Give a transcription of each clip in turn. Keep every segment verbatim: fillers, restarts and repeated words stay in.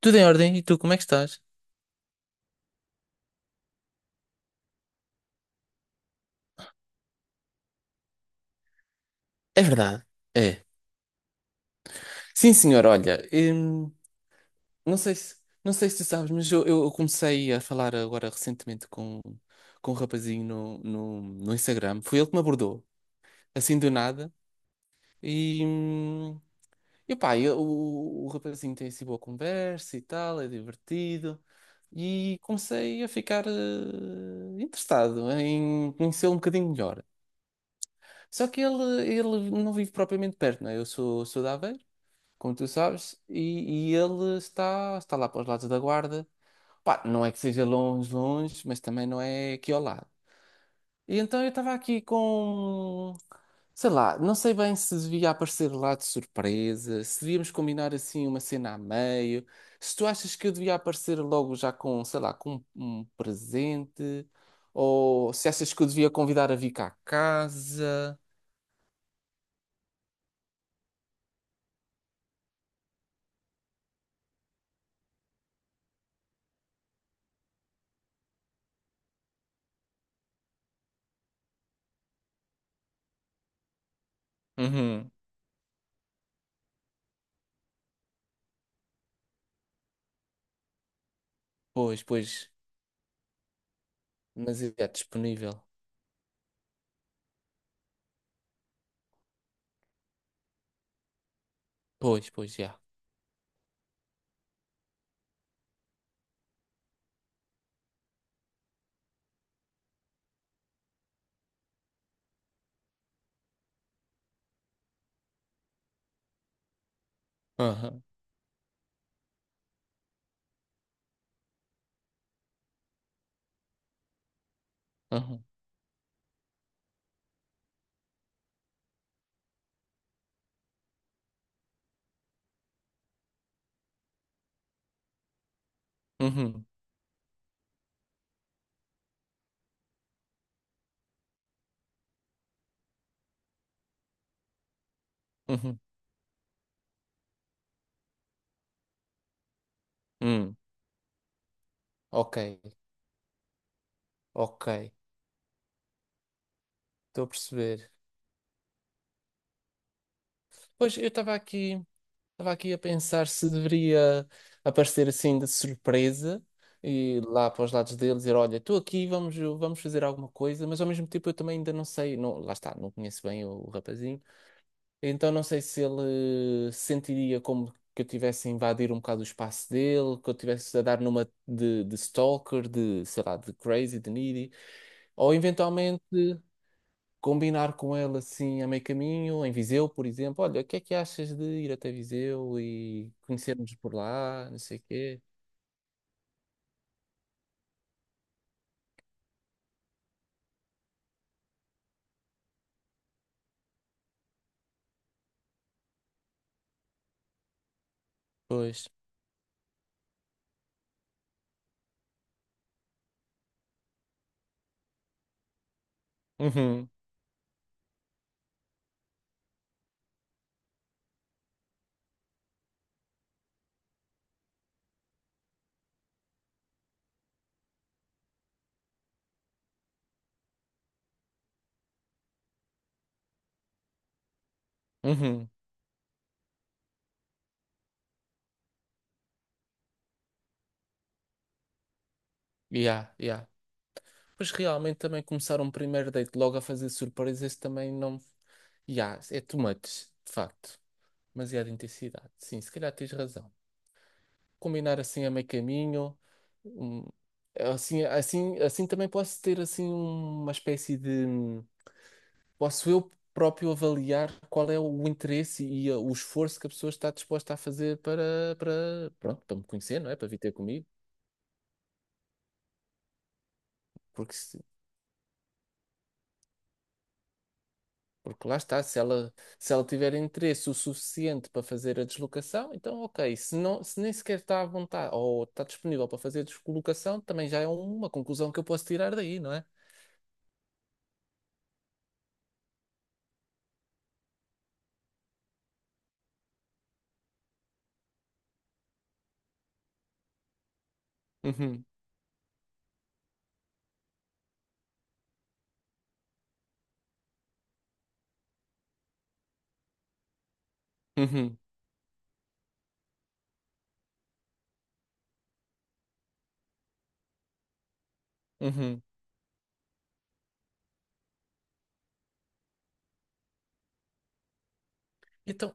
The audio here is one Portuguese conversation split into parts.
Tudo em ordem? E tu, como é que estás? É verdade. É. Sim, senhor, olha, hum, não sei se, não sei se tu sabes, mas eu, eu comecei a falar agora recentemente com, com um rapazinho no, no, no Instagram. Foi ele que me abordou, assim do nada. E, hum, e pá, eu- o, o rapazinho tem assim boa conversa e tal, é divertido. E comecei a ficar eh, interessado em conhecê-lo um bocadinho melhor. Só que ele, ele não vive propriamente perto, não é? Eu sou, sou de Aveiro, como tu sabes, e, e ele está, está lá para os lados da Guarda. Pá, não é que seja longe, longe, mas também não é aqui ao lado. E então eu estava aqui com, sei lá, não sei bem se devia aparecer lá de surpresa, se devíamos combinar assim uma cena a meio, se tu achas que eu devia aparecer logo já com, sei lá, com um um presente, ou se achas que eu devia convidar a vir cá a casa. Uhum. Pois, pois, mas é disponível. Pois, pois, já. Aham, aham. Uhum, uhum, hum, ok, ok, estou a perceber. Pois eu estava aqui, estava aqui a pensar se deveria aparecer assim de surpresa e lá para os lados deles dizer, olha, estou aqui, vamos, vamos fazer alguma coisa, mas ao mesmo tempo eu também ainda não sei, não, lá está, não conheço bem o, o rapazinho, então não sei se ele se sentiria como que eu tivesse a invadir um bocado o espaço dele, que eu tivesse a dar numa de, de stalker, de, sei lá, de crazy, de needy. Ou eventualmente combinar com ele assim a meio caminho, em Viseu, por exemplo. Olha, o que é que achas de ir até Viseu e conhecermos por lá, não sei o quê? Pois. Uhum, uhum. Yeah, yeah. Pois realmente também começar um primeiro date logo a fazer surpresas também não. Yeah, é too much, de facto. Demasiada intensidade. Sim, se calhar tens razão. Combinar assim a meio caminho. hum, Assim, assim, assim também posso ter assim uma espécie de hum, posso eu próprio avaliar qual é o interesse e a- o esforço que a pessoa está disposta a fazer para, para, pronto, para me conhecer, não é? Para vir ter comigo, porque, se- porque lá está, se ela, se ela tiver interesse o suficiente para fazer a deslocação, então ok, se não, se nem sequer está à vontade ou está disponível para fazer a deslocação, também já é uma conclusão que eu posso tirar daí, não é? Uhum, uhum, uhum. Então,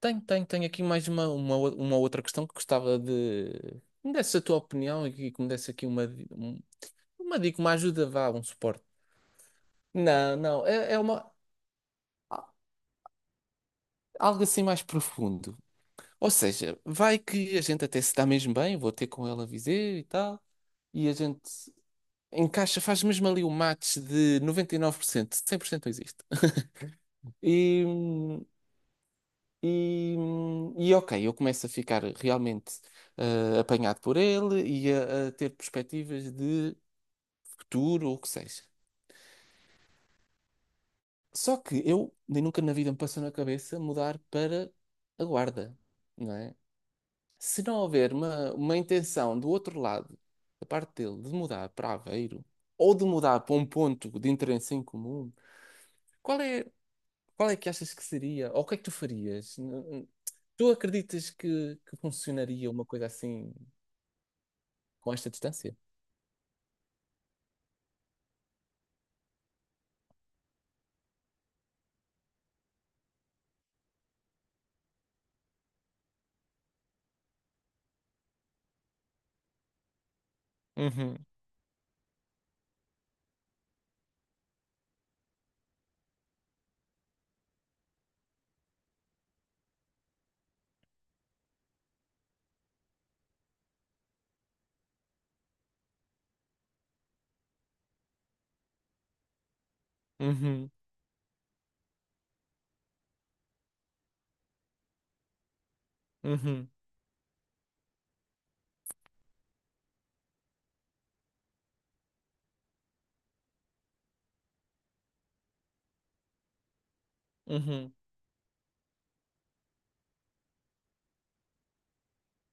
tenho, tenho, tenho aqui mais uma, uma, ou- uma outra questão que gostava de que me desse a tua opinião e que me desse aqui uma, di- um- uma dica, uma ajuda, vá, um suporte. Não, não, é, é uma, a- algo assim mais profundo. Ou seja, vai que a gente até se dá mesmo bem, vou ter com ela a dizer e tal, e a gente encaixa, faz mesmo ali o match de noventa e nove por cento, cem por cento não existe. E, hum, E, hum, e ok, eu começo a ficar realmente ah, apanhado por ele e a, a ter perspectivas de futuro ou o que seja. Só que eu nem nunca na vida me passou na cabeça mudar para a Guarda, não é? Se não houver uma, uma intenção do outro lado, da parte dele, de mudar para Aveiro ou de mudar para um ponto de interesse em comum, qual é, qual é que achas que seria? Ou o que é que tu farias? N- n- Tu acreditas que, que funcionaria uma coisa assim, com esta distância? Uhum, uhum, uhum, uhum,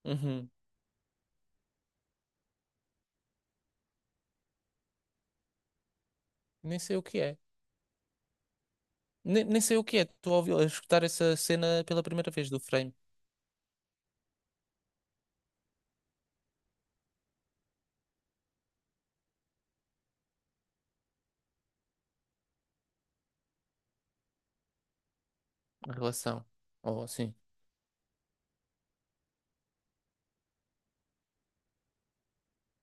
uhum. Nem sei o que é. Nem, nem sei o que é. Estou a ouvir, a escutar essa cena pela primeira vez, do frame em relação. Oh, sim.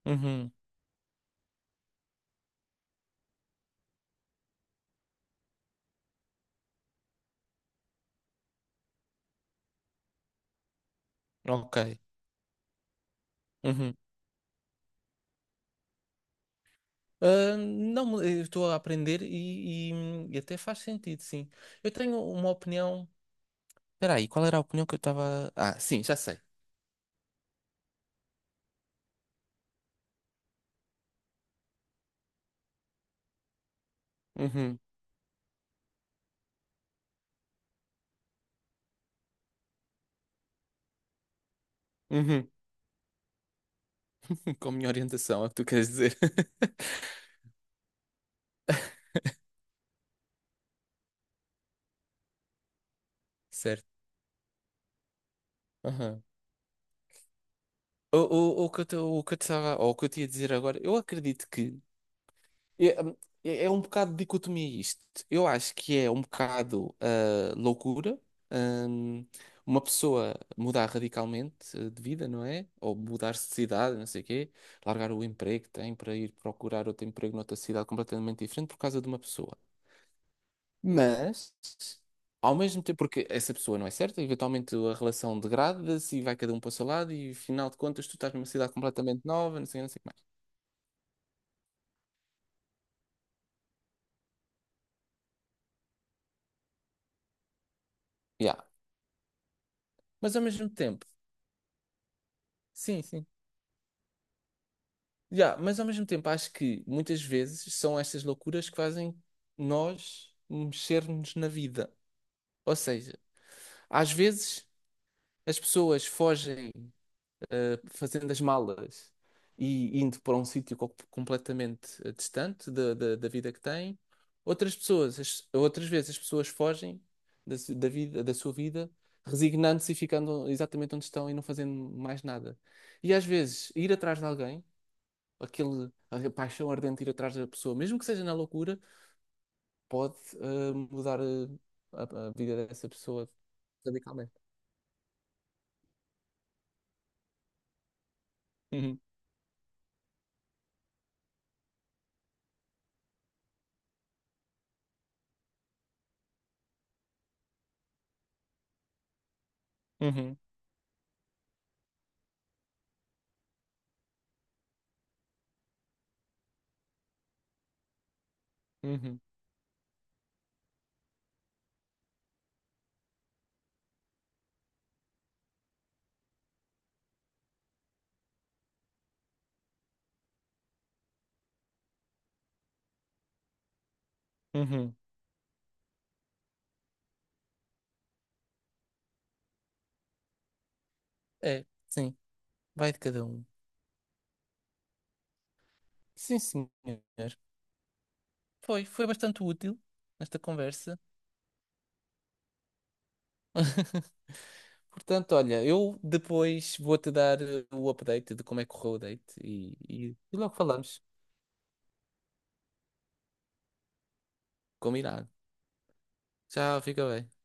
Uhum. Ok. Uhum. Ah, não, eu estou a aprender e, e- e até faz sentido, sim. Eu tenho uma opinião. Espera aí, qual era a opinião que eu estava. Ah, sim, já sei. Uhum. Uhum. Com a minha orientação, é o que tu queres dizer. Certo. Aham. O, o, o que eu te- o que eu te estava, ou o que eu te ia dizer agora, eu acredito que é, hum, é- é um bocado de dicotomia isto. Eu acho que é um bocado ah, loucura, hum, uma pessoa mudar radicalmente eh, de vida, não é? Ou mudar-se de cidade, não sei o quê, largar o emprego que tem para ir procurar outro emprego noutra cidade completamente diferente por causa de uma pessoa. Mas, ao mesmo tempo, porque essa pessoa não é certa, eventualmente a relação degrada-se e vai cada um para o seu lado, e afinal de contas, tu estás numa cidade completamente nova, não sei, não sei o que mais. Yeah. Mas ao mesmo tempo, sim, sim. Yeah, mas ao mesmo tempo, acho que muitas vezes são estas loucuras que fazem nós mexer-nos na vida. Ou seja, às vezes as pessoas fogem, eh, fazendo as malas e indo para um sítio co- completamente eh, distante da, da, da vida que têm. Outras pessoas, as- outras vezes as pessoas fogem da, su- da vida, da sua vida, resignando-se e ficando exatamente onde estão e não fazendo mais nada. E às vezes ir atrás de alguém, aquele, a paixão ardente de ir atrás da pessoa, mesmo que seja na loucura, pode eh, mudar eh, a, a vida dessa pessoa radicalmente. Uhum, uhum, uhum, uhum. É, sim, vai de cada um. Sim, senhor. Foi, foi bastante útil nesta conversa. Portanto, olha, eu depois vou-te dar eh, o update de como é que correu o date e, e, e logo falamos. Combinado. Tchau, fica bem.